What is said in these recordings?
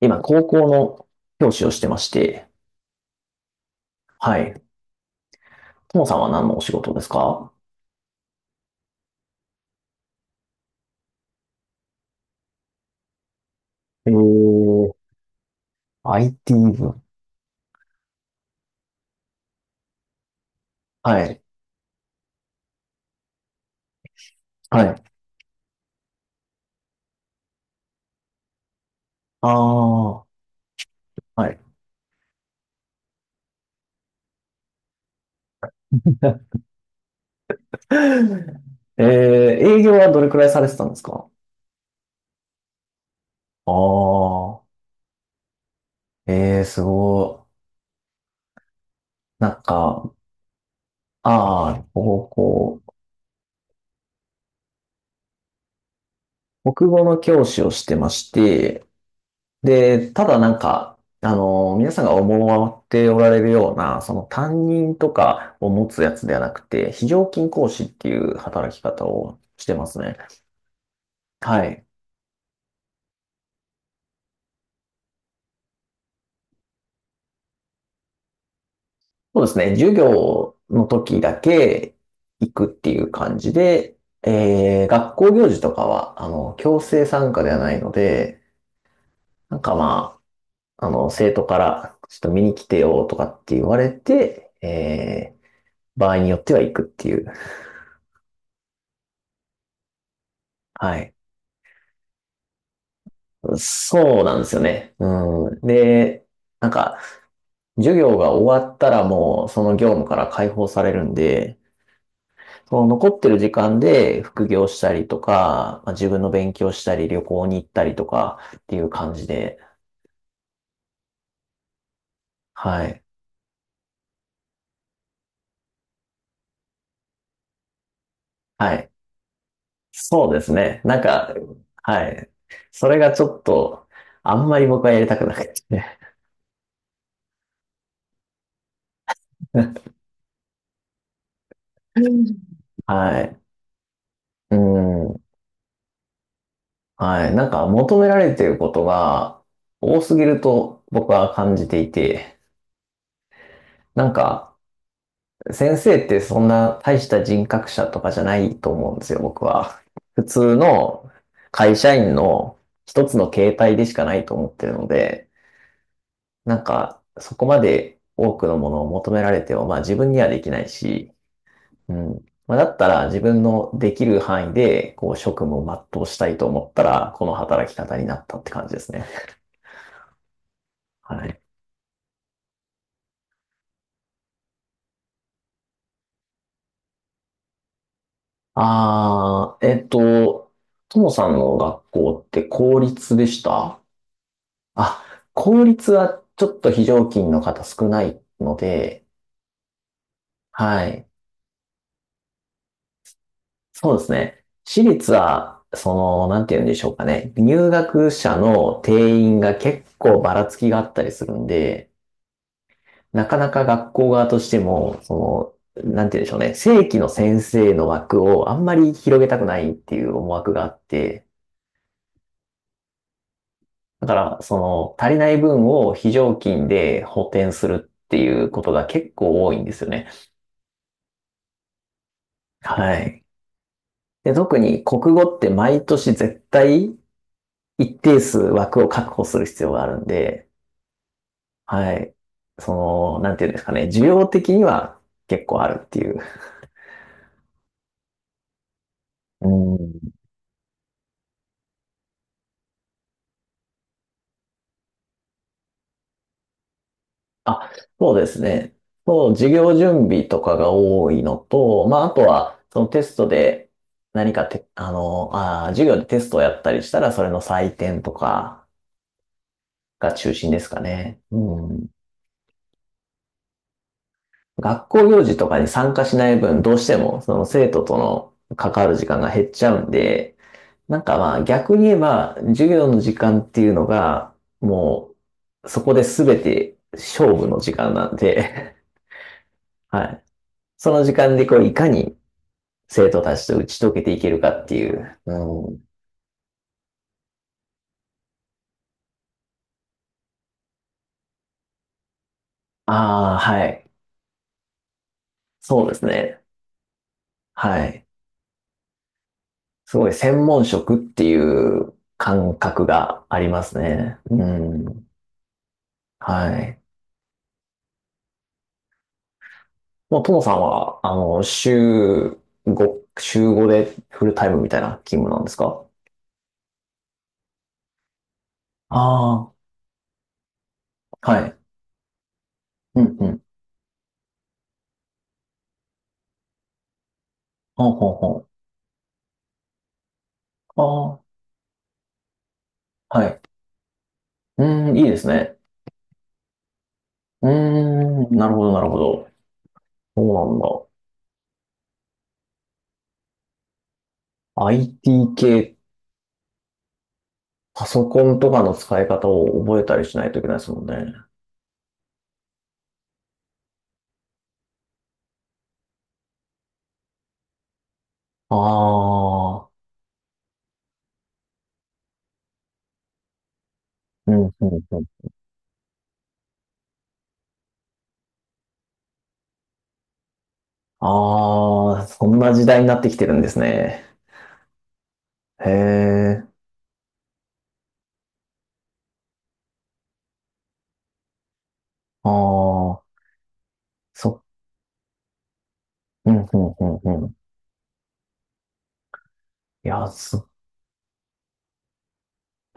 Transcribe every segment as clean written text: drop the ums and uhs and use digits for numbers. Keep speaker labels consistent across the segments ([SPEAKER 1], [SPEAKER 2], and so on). [SPEAKER 1] 今、高校の教師をしてまして、はい。ともさんは何のお仕事ですか？えー、IT 部。はい。はい。ああ、はい。えー、営業はどれくらいされてたんですか？ああ、ええ、すごい。なんか、ああ、高校、国語の教師をしてまして、で、ただなんか、皆さんが思っておられるような、その担任とかを持つやつではなくて、非常勤講師っていう働き方をしてますね。はい。そうですね。授業の時だけ行くっていう感じで、学校行事とかは、強制参加ではないので、なんかまあ、生徒から、ちょっと見に来てよとかって言われて、場合によっては行くっていう。はい。そうなんですよね。うん。で、なんか、授業が終わったらもうその業務から解放されるんで、その残ってる時間で副業したりとか、まあ自分の勉強したり、旅行に行ったりとかっていう感じで、はい。はい。そうですね。なんか、はい。それがちょっと、あんまり僕はやりたくなくて。はい。うん。はい。なんか求められていることが多すぎると僕は感じていて、なんか先生ってそんな大した人格者とかじゃないと思うんですよ、僕は。普通の会社員の一つの形態でしかないと思ってるので、なんかそこまで多くのものを求められても、まあ自分にはできないし、うん。まあ、だったら自分のできる範囲でこう職務を全うしたいと思ったら、この働き方になったって感じですね。はい。ああ、ともさんの学校って公立でした？あ、公立はちょっと非常勤の方少ないので、はい。そうですね。私立は、なんて言うんでしょうかね。入学者の定員が結構ばらつきがあったりするんで、なかなか学校側としても、なんて言うんでしょうね。正規の先生の枠をあんまり広げたくないっていう思惑があって、だから、足りない分を非常勤で補填するっていうことが結構多いんですよね。はい。で、特に国語って毎年絶対一定数枠を確保する必要があるんで、はい。そなんていうんですかね、需要的には結構あるっていう。うん。あ、そうですね。そう、授業準備とかが多いのと、まあ、あとは、そのテストで何かて、授業でテストをやったりしたら、それの採点とか、が中心ですかね。うん。学校行事とかに参加しない分、どうしてもその生徒との関わる時間が減っちゃうんで、なんかまあ逆に言えば、授業の時間っていうのが、もう、そこで全て勝負の時間なんで はい。その時間でこういかに生徒たちと打ち解けていけるかっていう。うん。ああ、はい。そうですね。はい。すごい専門職っていう感覚がありますね。うん。はい。もう、トモさんは、週5、週5でフルタイムみたいな勤務なんですか？ああー、はい。うんうん。ほうほうほう。ああ、はい。うーん、いいですね。うーん、なるほど、なるほど。そうなんだ。IT 系、パソコンとかの使い方を覚えたりしないといけないですもんね。ああ、うん、うん、うん。ああ、そんな時代になってきてるんですね。へえ、ああ、そ、うん、うん、うん、うん。いや、そ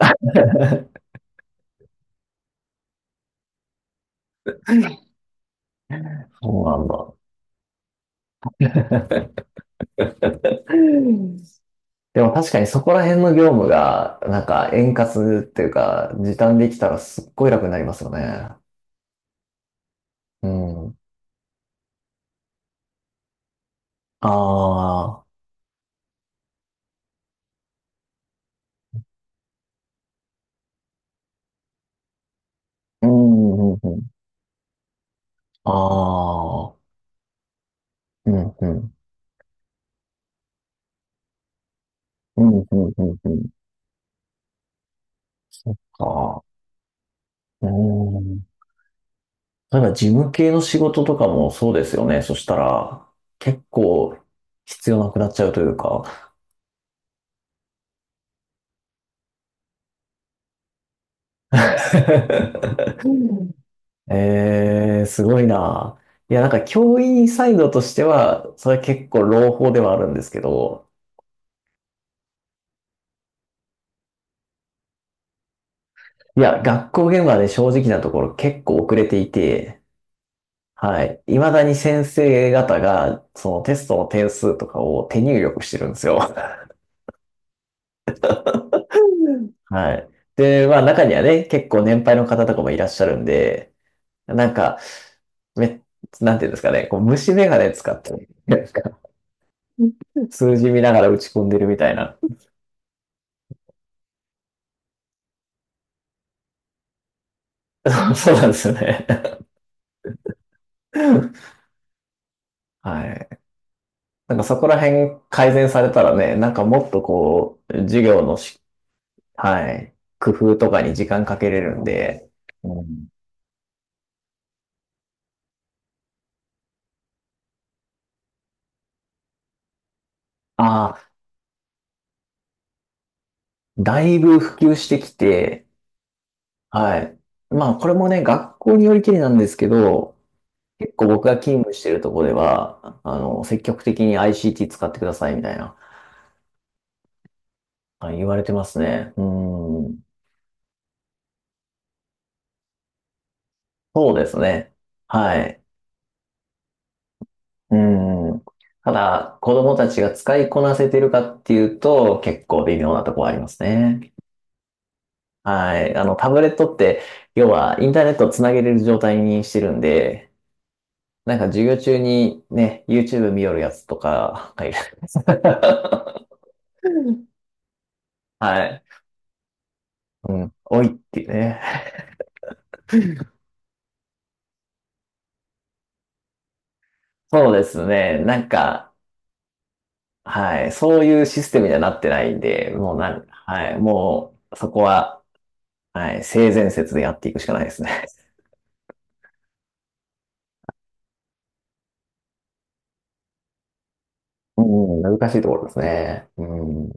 [SPEAKER 1] そうなんだ。でも確かにそこら辺の業務が、なんか円滑っていうか、時短できたらすっごい楽になりますよね。うん。ああ、うん、うん、うん。ああ、うん、うん。うん、うん、うん、うん。そっか。うん。例えば事務系の仕事とかもそうですよね。そしたら、結構必要なくなっちゃうというか。ええ、すごいな。いや、なんか教員サイドとしては、それ結構朗報ではあるんですけど、いや、学校現場で正直なところ結構遅れていて、はい。未だに先生方が、そのテストの点数とかを手入力してるんですよ。はい。で、まあ中にはね、結構年配の方とかもいらっしゃるんで、なんか、め、なんていうんですかね、こう虫眼鏡使って、なんか数字見ながら打ち込んでるみたいな。そうなんですよね。はい。なんかそこら辺改善されたらね、なんかもっとこう、授業のし、はい、工夫とかに時間かけれるんで、うん、ああ、だいぶ普及してきて、はい。まあこれもね、学校によりきりなんですけど、結構僕が勤務してるとこでは、積極的に ICT 使ってくださいみたいな、はい言われてますね。うん。そうですね。はい。うん。ただ、子供たちが使いこなせてるかっていうと、結構微妙なところありますね。はい。タブレットって、要はインターネットをつなげれる状態にしてるんで、なんか授業中にね、YouTube 見よるやつとかがいる。はい。うん。おいっていうね。そうですね。なんか、はい。そういうシステムにはなってないんで、もうなん、はい。もう、そこは、はい。性善説でやっていくしかないですね。うん、難しいところですね。うん。